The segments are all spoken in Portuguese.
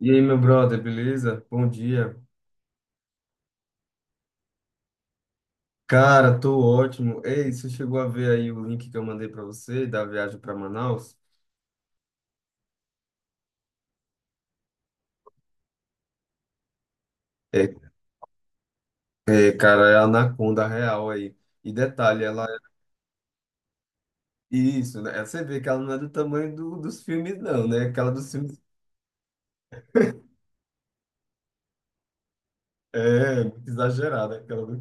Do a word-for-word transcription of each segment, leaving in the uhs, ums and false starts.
E aí, meu brother, beleza? Bom dia. Cara, tô ótimo. Ei, você chegou a ver aí o link que eu mandei pra você da viagem pra Manaus? É, é, cara, é a Anaconda real aí. E detalhe, ela é isso, né? Você vê que ela não é do tamanho do- dos filmes não, né? Aquela dos filmes é muito exagerada, aquela do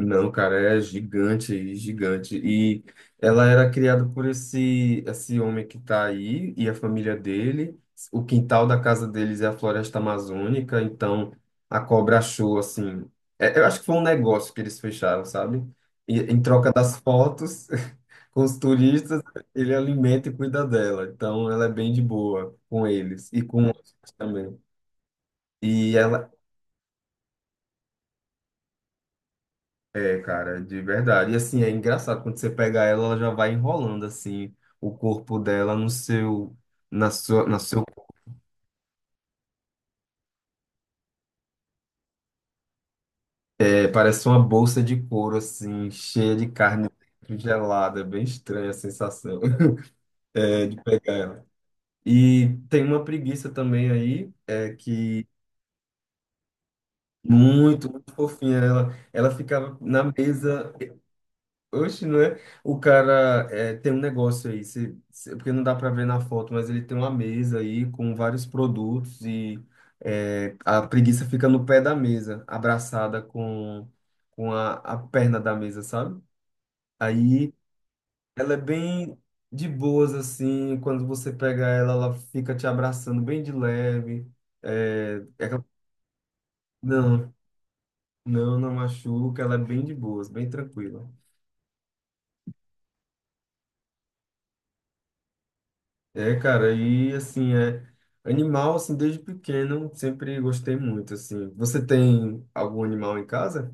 Não, cara, é gigante, gigante. E ela era criada por esse esse homem que tá aí e a família dele. O quintal da casa deles é a floresta amazônica, então a cobra achou assim. É- eu acho que foi um negócio que eles fecharam, sabe? E, em troca das fotos com os turistas, ele alimenta e cuida dela. Então ela é bem de boa com eles e com outros também. E ela, é, cara, de verdade. E assim, é engraçado, quando você pega ela, ela já vai enrolando assim o corpo dela no seu na sua na seu pé, parece uma bolsa de couro assim, cheia de carne dentro, gelada, é bem estranha a sensação é, de pegar ela. E tem uma preguiça também aí, é que muito, muito fofinha ela, ela ficava na mesa. Oxe, não é? O cara é, tem um negócio aí, se- se- porque não dá para ver na foto, mas ele tem uma mesa aí com vários produtos e é, a preguiça fica no pé da mesa, abraçada com, com a, a perna da mesa, sabe? Aí ela é bem de boas, assim, quando você pega ela, ela fica te abraçando bem de leve. É, é aquela- não, não, não machuca, ela é bem de boas, bem tranquila. É, cara, e assim, é animal, assim, desde pequeno, sempre gostei muito, assim. Você tem algum animal em casa?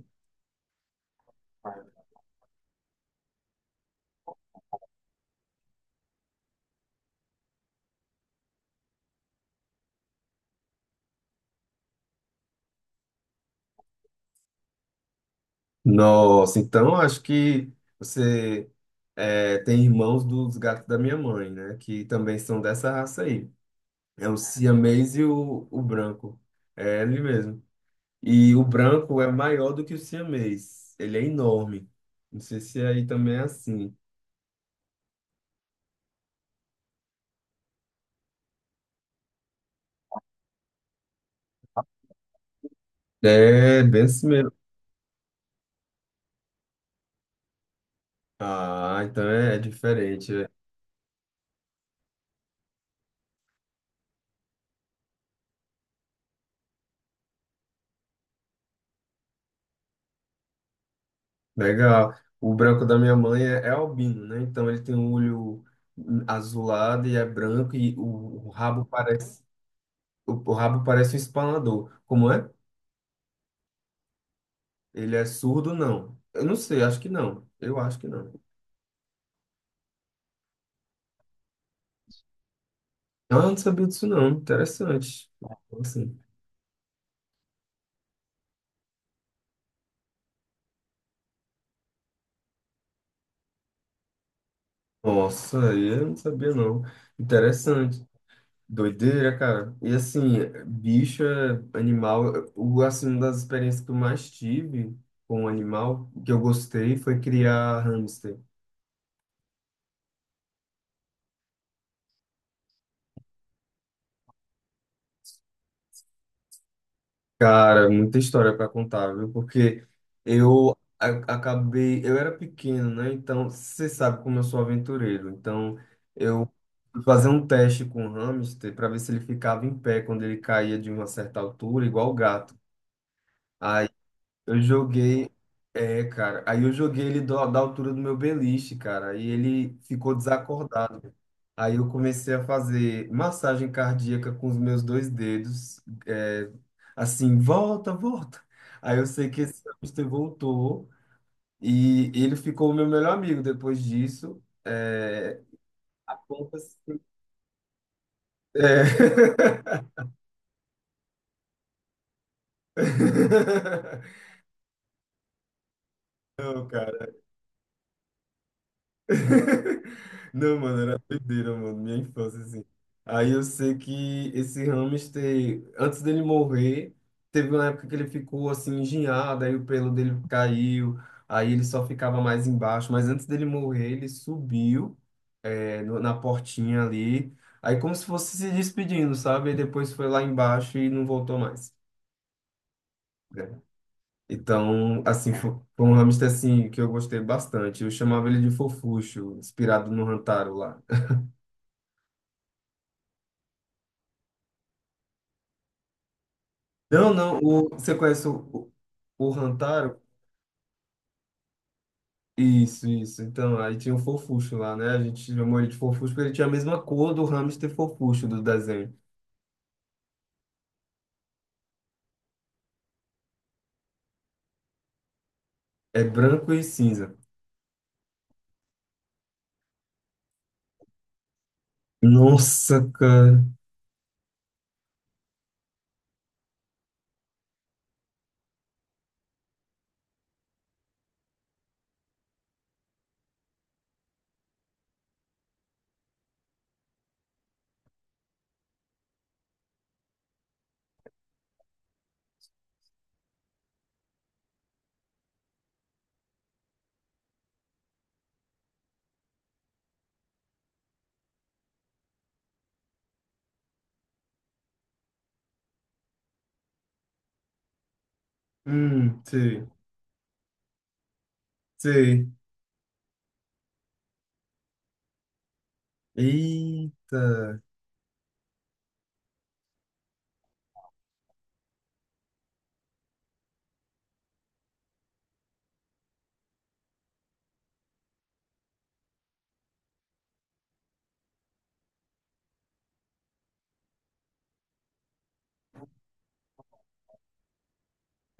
Nossa, então acho que você é, tem irmãos dos gatos da minha mãe, né? Que também são dessa raça aí. É o siamês e o, o branco. É ele mesmo. E o branco é maior do que o siamês. Ele é enorme. Não sei se aí também é assim. É, bem assim mesmo. Ah, então é, é diferente. Legal. O branco da minha mãe é, é albino, né? Então ele tem um olho azulado e é branco e o, o rabo parece o, o rabo parece um espanador. Como é? Ele é surdo, não? Eu não sei, acho que não. Eu acho que não. Ah, eu não sabia disso não. Interessante. Assim. Nossa, eu não sabia não. Interessante. Doideira, cara. E assim, bicho, é animal, o, assim, uma das experiências que eu mais tive com um animal, que eu gostei, foi criar hamster. Cara, muita história para contar, viu? Porque eu a- acabei, eu era pequeno, né? Então, você sabe como eu sou aventureiro. Então, eu fui fazer um teste com o hamster para ver se ele ficava em pé quando ele caía de uma certa altura, igual o gato. Eu joguei, é, cara. Aí eu joguei ele do- da altura do meu beliche, cara. Aí ele ficou desacordado. Aí eu comecei a fazer massagem cardíaca com os meus dois dedos, é, assim, volta, volta. Aí eu sei que esse hamster voltou e ele ficou o meu melhor amigo depois disso. É, a ponta, assim, é. Não, cara. Não, mano, era doideira, mano, minha infância, assim. Aí eu sei que esse hamster, antes dele morrer, teve uma época que ele ficou assim engenhado, aí o pelo dele caiu, aí ele só ficava mais embaixo, mas antes dele morrer, ele subiu, é, no- na portinha ali, aí como se fosse se despedindo, sabe? E depois foi lá embaixo e não voltou mais. Né? Então, assim, foi foi um hamster assim que eu gostei bastante. Eu chamava ele de Fofuxo, inspirado no Rantaro lá. Não, não, o- você conhece o, o, Rantaro? Isso, isso. Então, aí tinha o Fofuxo lá, né? A gente chamou ele de Fofuxo porque ele tinha a mesma cor do hamster Fofuxo do desenho. É branco e cinza. Nossa, cara. Hum, sei, sei. Eita.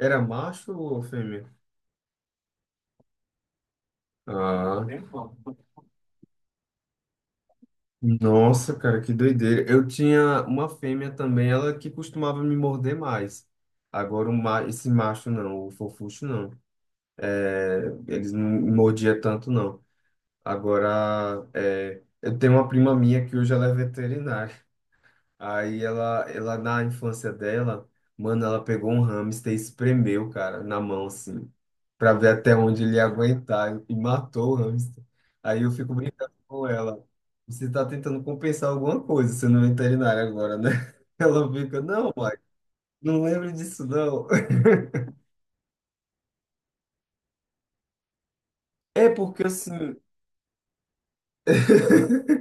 Era macho ou fêmea? Ah. Nossa, cara, que doideira. Eu tinha uma fêmea também, ela que costumava me morder mais. Agora, o ma- esse macho não, o Fofuxo não. É, eles não me mordiam tanto, não. Agora, é, eu tenho uma prima minha que hoje ela é veterinária. Aí ela, ela na infância dela, mano, ela pegou um hamster e espremeu, cara, na mão, assim, pra ver até onde ele ia aguentar e matou o hamster. Aí eu fico brincando com ela. Você tá tentando compensar alguma coisa sendo veterinária agora, né? Ela fica, não, mãe, não lembro disso, não. É porque assim.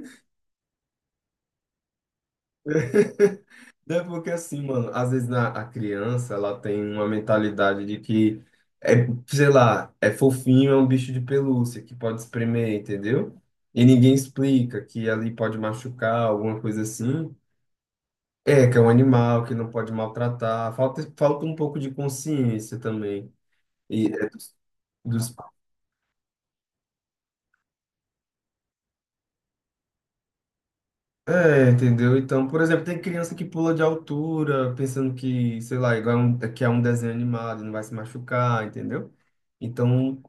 É porque assim, mano, às vezes na, a criança ela tem uma mentalidade de que é, sei lá, é fofinho, é um bicho de pelúcia que pode espremer, entendeu? E ninguém explica que ali pode machucar, alguma coisa assim. É, que é um animal que não pode maltratar. Falta, falta um pouco de consciência também. E é, dos, dos é, entendeu? Então, por exemplo, tem criança que pula de altura, pensando que, sei lá, igual é um, é que é um desenho animado, não vai se machucar, entendeu? Então,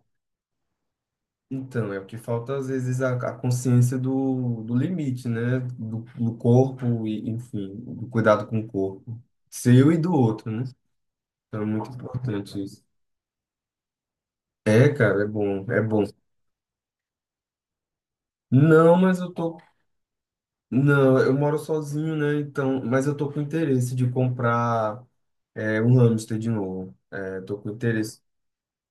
então é o que falta às vezes a, a consciência do, do limite, né? Do, do corpo e, enfim, do cuidado com o corpo, seu e do outro, né? Então é muito importante isso. É, cara, é bom, é bom. Não, mas eu tô, não, eu moro sozinho, né? Então, mas eu tô com interesse de comprar é um hamster de novo. É, tô com interesse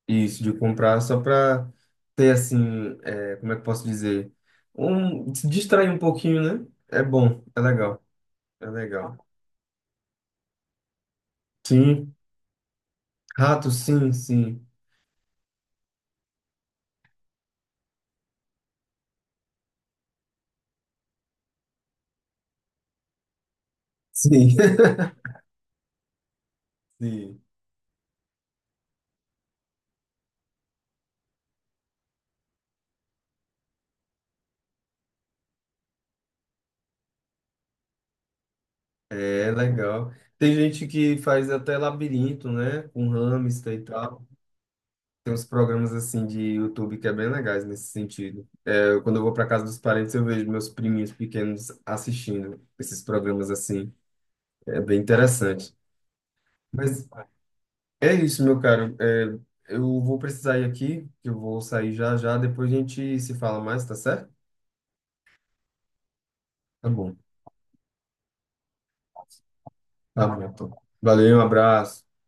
isso de comprar só para ter assim, é, como é que eu posso dizer? Um, se distrair um pouquinho, né? É bom, é legal, é legal. Sim, rato, sim, sim. Sim. Sim, é legal. Tem gente que faz até labirinto, né? Com hamster e tal. Tem uns programas assim de YouTube que é bem legais nesse sentido. Eu, quando eu vou para casa dos parentes, eu vejo meus priminhos pequenos assistindo esses programas assim. É bem interessante. Mas é isso, meu caro. É, eu vou precisar ir aqui, que eu vou sair já já. Depois a gente se fala mais, tá certo? Tá bom. Tá bom, então. Valeu, um abraço.